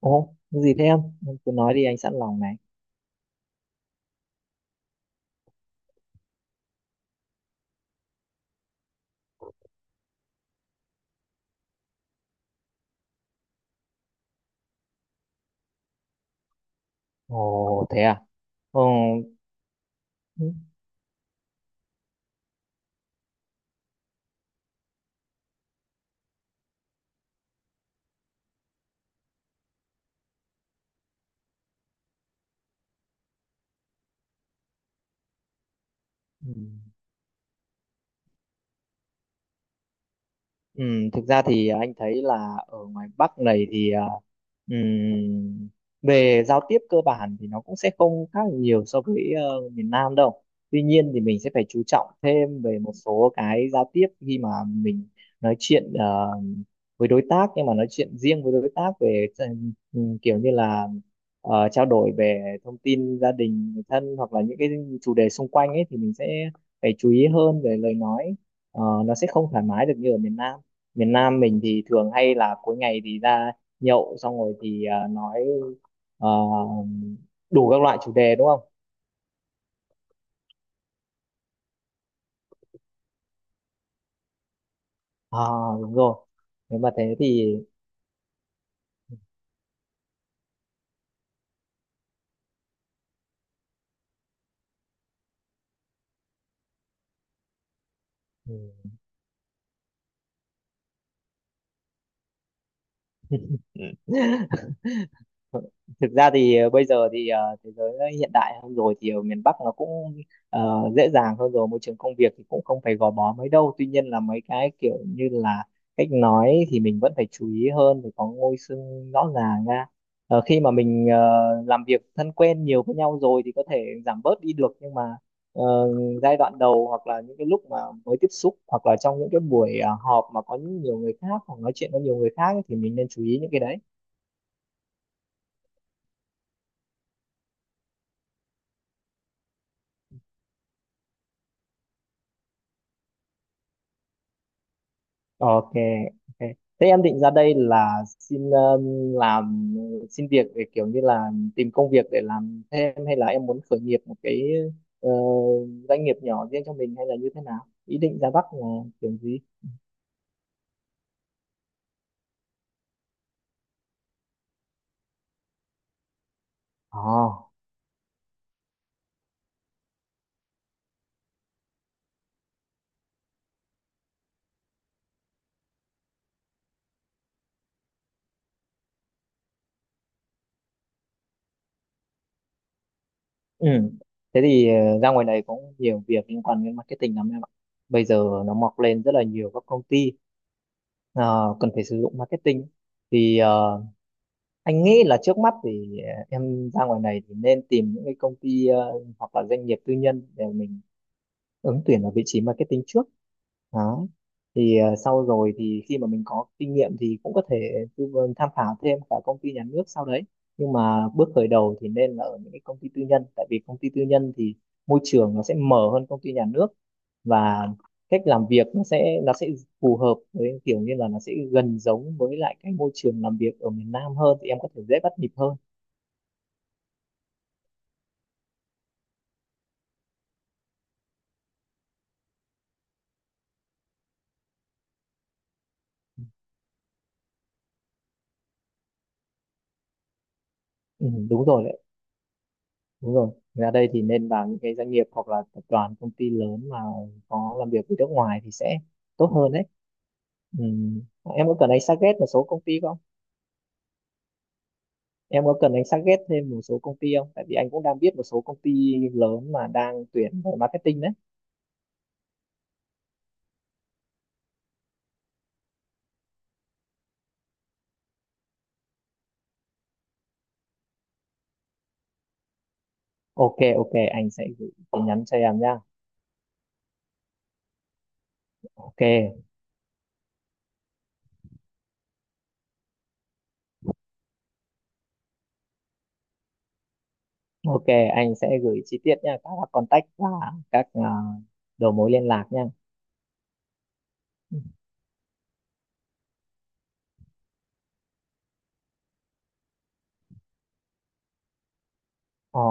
Ồ, cái gì thế em? Em cứ nói đi anh sẵn lòng này. Ồ, thế à? Ồ, ừ, ừ. Ừ, thực ra thì anh thấy là ở ngoài Bắc này thì ừm, về giao tiếp cơ bản thì nó cũng sẽ không khác nhiều so với miền Nam đâu. Tuy nhiên thì mình sẽ phải chú trọng thêm về một số cái giao tiếp khi mà mình nói chuyện với đối tác, nhưng mà nói chuyện riêng với đối tác về kiểu như là trao đổi về thông tin gia đình, người thân hoặc là những cái chủ đề xung quanh ấy, thì mình sẽ phải chú ý hơn về lời nói. Ờ, nó sẽ không thoải mái được như ở miền Nam. Miền Nam mình thì thường hay là cuối ngày thì ra nhậu xong rồi thì nói à, đủ các loại chủ đề, đúng không? À, đúng rồi. Nếu mà thế thì ừ, thực ra thì bây giờ thì thế giới nó hiện đại hơn rồi, thì ở miền Bắc nó cũng dễ dàng hơn rồi, môi trường công việc thì cũng không phải gò bó mấy đâu. Tuy nhiên là mấy cái kiểu như là cách nói thì mình vẫn phải chú ý hơn, phải có ngôi xưng rõ ràng ra. Khi mà mình làm việc thân quen nhiều với nhau rồi thì có thể giảm bớt đi được, nhưng mà ờ, giai đoạn đầu hoặc là những cái lúc mà mới tiếp xúc hoặc là trong những cái buổi họp mà có nhiều người khác hoặc nói chuyện với nhiều người khác ấy, thì mình nên chú ý những cái đấy. Ok, ok. Thế em định ra đây là xin um, làm xin việc để kiểu như là tìm công việc để làm thêm, hay là em muốn khởi nghiệp một cái ờ, doanh nghiệp nhỏ riêng cho mình, hay là như thế nào? Ý định ra Bắc là kiểu gì? Ồ, ừ. Thế thì ra ngoài này cũng nhiều việc liên quan đến marketing lắm em ạ. Bây giờ nó mọc lên rất là nhiều các công ty ờ, cần phải sử dụng marketing. Thì anh nghĩ là trước mắt thì em ra ngoài này thì nên tìm những cái công ty hoặc là doanh nghiệp tư nhân để mình ứng tuyển vào vị trí marketing trước đó. Thì sau rồi thì khi mà mình có kinh nghiệm thì cũng có thể tư vấn tham khảo thêm cả công ty nhà nước sau đấy, nhưng mà bước khởi đầu thì nên là ở những cái công ty tư nhân, tại vì công ty tư nhân thì môi trường nó sẽ mở hơn công ty nhà nước, và cách làm việc nó sẽ phù hợp, với kiểu như là nó sẽ gần giống với lại cái môi trường làm việc ở miền Nam hơn, thì em có thể dễ bắt nhịp hơn. Ừ, đúng rồi đấy, đúng rồi, ra đây thì nên vào những cái doanh nghiệp hoặc là tập đoàn công ty lớn mà có làm việc với nước ngoài thì sẽ tốt hơn đấy. Ừ. Em có cần anh suggest một số công ty không? Em có cần anh suggest thêm một số công ty không? Tại vì anh cũng đang biết một số công ty lớn mà đang tuyển về marketing đấy. Ok, ok, anh sẽ gửi tin nhắn cho em nha. Ok, ok, anh sẽ gửi chi tiết nha, các contact và các đầu mối liên lạc nha. Ồ,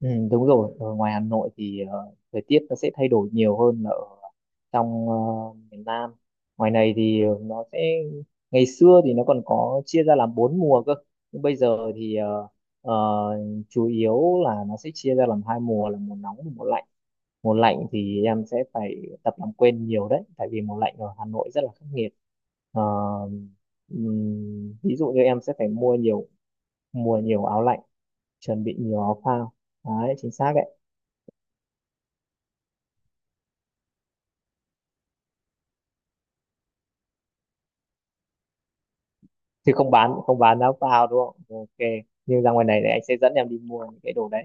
ừ, đúng rồi, ở ngoài Hà Nội thì thời tiết nó sẽ thay đổi nhiều hơn là ở trong miền Nam. Ngoài này thì ờ, nó sẽ ngày xưa thì nó còn có chia ra làm bốn mùa cơ, nhưng bây giờ thì ờ, chủ yếu là nó sẽ chia ra làm hai mùa là mùa nóng và mùa lạnh. Mùa lạnh thì em sẽ phải tập làm quen nhiều đấy, tại vì mùa lạnh ở Hà Nội rất là khắc nghiệt. Ờ, Ví dụ như em sẽ phải mua nhiều áo lạnh, chuẩn bị nhiều áo phao. Đấy, chính xác đấy. Chứ không bán, không bán áo phao đúng không, ok, nhưng ra ngoài này thì anh sẽ dẫn em đi mua những cái đồ đấy.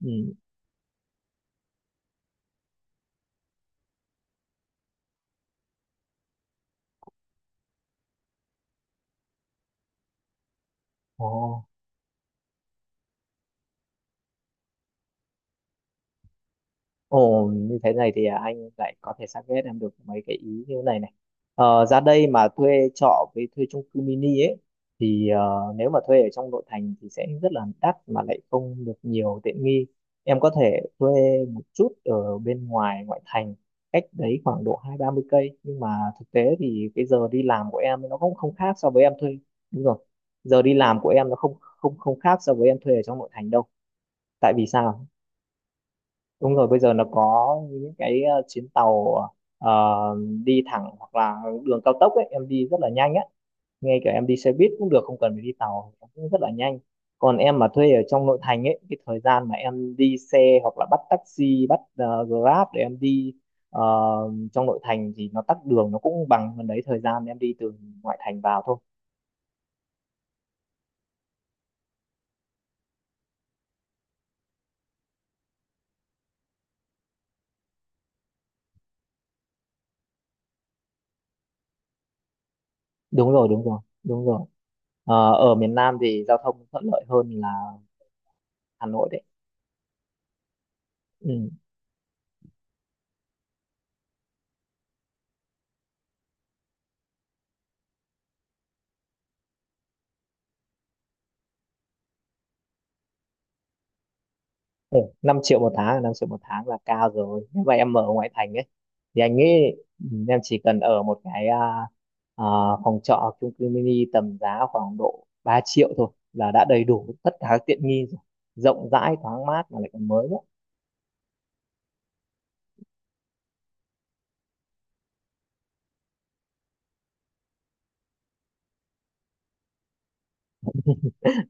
Ừ. Ồ. Ồ, như thế này thì anh lại có thể target em được mấy cái ý như thế này này. Ờ, ra đây mà thuê trọ với thuê chung cư mini ấy thì nếu mà thuê ở trong nội thành thì sẽ rất là đắt mà lại không được nhiều tiện nghi. Em có thể thuê một chút ở bên ngoài ngoại thành, cách đấy khoảng độ hai ba mươi cây, nhưng mà thực tế thì cái giờ đi làm của em nó cũng không khác so với em thuê. Đúng rồi. Giờ đi làm của em nó không không không khác so với em thuê ở trong nội thành đâu. Tại vì sao? Đúng rồi, bây giờ nó có những cái chuyến tàu ờ, đi thẳng hoặc là đường cao tốc ấy, em đi rất là nhanh á. Ngay cả em đi xe buýt cũng được, không cần phải đi tàu, nó cũng rất là nhanh. Còn em mà thuê ở trong nội thành ấy, cái thời gian mà em đi xe hoặc là bắt taxi, bắt Grab để em đi ờ, trong nội thành thì nó tắc đường, nó cũng bằng gần đấy thời gian em đi từ ngoại thành vào thôi. Đúng rồi, đúng rồi, đúng rồi. Ờ, ở miền Nam thì giao thông thuận lợi hơn là Hà Nội đấy. Ừ. Ừ, 5 triệu một tháng, 5 triệu một tháng là cao rồi. Nếu mà em ở ngoại thành ấy, thì anh nghĩ ừ, em chỉ cần ở một cái à, phòng trọ chung cư mini tầm giá khoảng độ 3 triệu thôi là đã đầy đủ tất cả các tiện nghi rồi. Rộng rãi, thoáng mát mà lại còn mới nữa.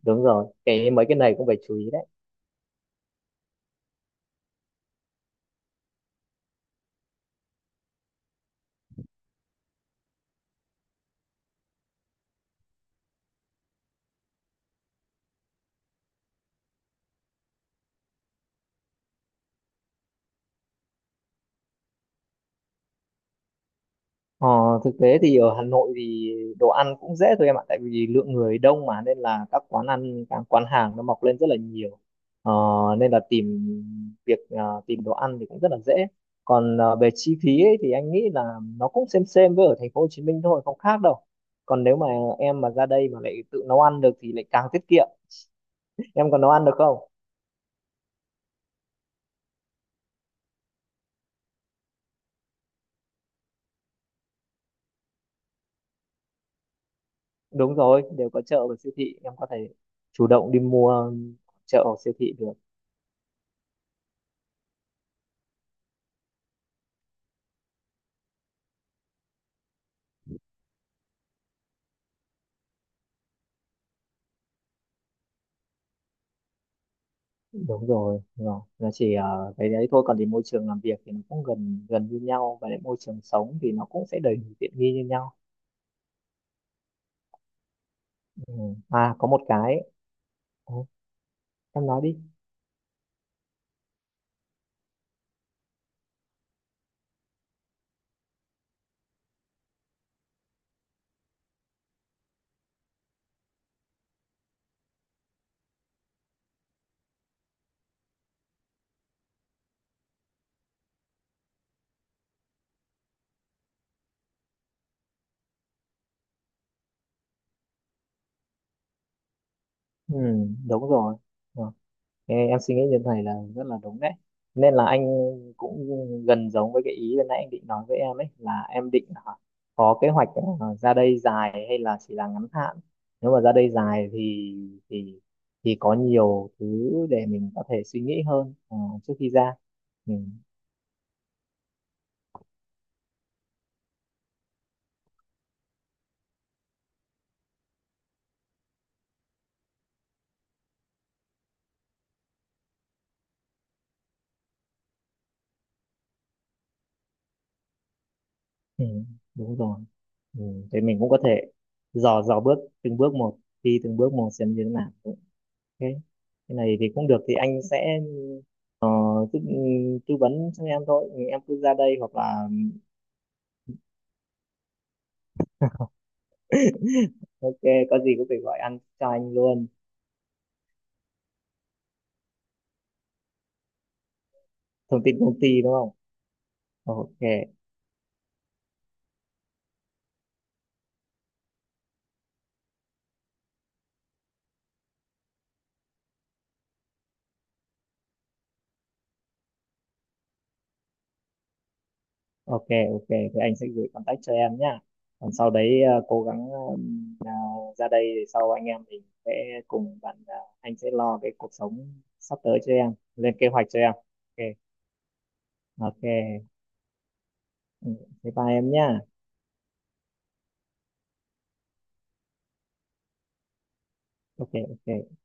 Đúng rồi, cái mấy cái này cũng phải chú ý đấy. Ờ, thực tế thì ở Hà Nội thì đồ ăn cũng dễ thôi em ạ, tại vì lượng người đông mà nên là các quán ăn, các quán hàng nó mọc lên rất là nhiều, ờ, nên là tìm đồ ăn thì cũng rất là dễ. Còn về chi phí ấy, thì anh nghĩ là nó cũng xem với ở thành phố Hồ Chí Minh thôi, không khác đâu. Còn nếu mà em mà ra đây mà lại tự nấu ăn được thì lại càng tiết kiệm. Em còn nấu ăn được không? Đúng rồi, đều có chợ và siêu thị, em có thể chủ động đi mua chợ hoặc siêu thị được. Đúng rồi, đúng rồi, nó chỉ cái đấy thôi, còn thì môi trường làm việc thì nó cũng gần gần như nhau, và lại môi trường sống thì nó cũng sẽ đầy đủ tiện nghi như nhau. Ừ. À, có một cái. Ồ, em nói đi. Ừ, đúng rồi. Ờ. Ê, em suy nghĩ như thế này là rất là đúng đấy, nên là anh cũng gần giống với cái ý ban nãy anh định nói với em ấy là em định hả, có kế hoạch ra đây dài hay là chỉ là ngắn hạn. Nếu mà ra đây dài thì thì thì có nhiều thứ để mình có thể suy nghĩ hơn trước khi ra. Ừ, ừ, đúng rồi. Ừ, thế mình cũng có thể dò dò bước từng bước một, đi từng bước một xem như thế nào. Cái cái này thì cũng được, thì anh sẽ ờ, tư, tư vấn cho em thôi. Ừ, em cứ ra đây hoặc là ok, có gì có thể gọi anh cho anh luôn, thông tin công ty đúng không, ok, ok, ok thì anh sẽ gửi contact cho em nhá. Còn sau đấy cố gắng ờ, ra đây để sau anh em mình sẽ cùng bạn, anh sẽ lo cái cuộc sống sắp tới cho em, lên kế hoạch cho em. Ok, ok. Ừ, thế bye em nhá. Ok, ok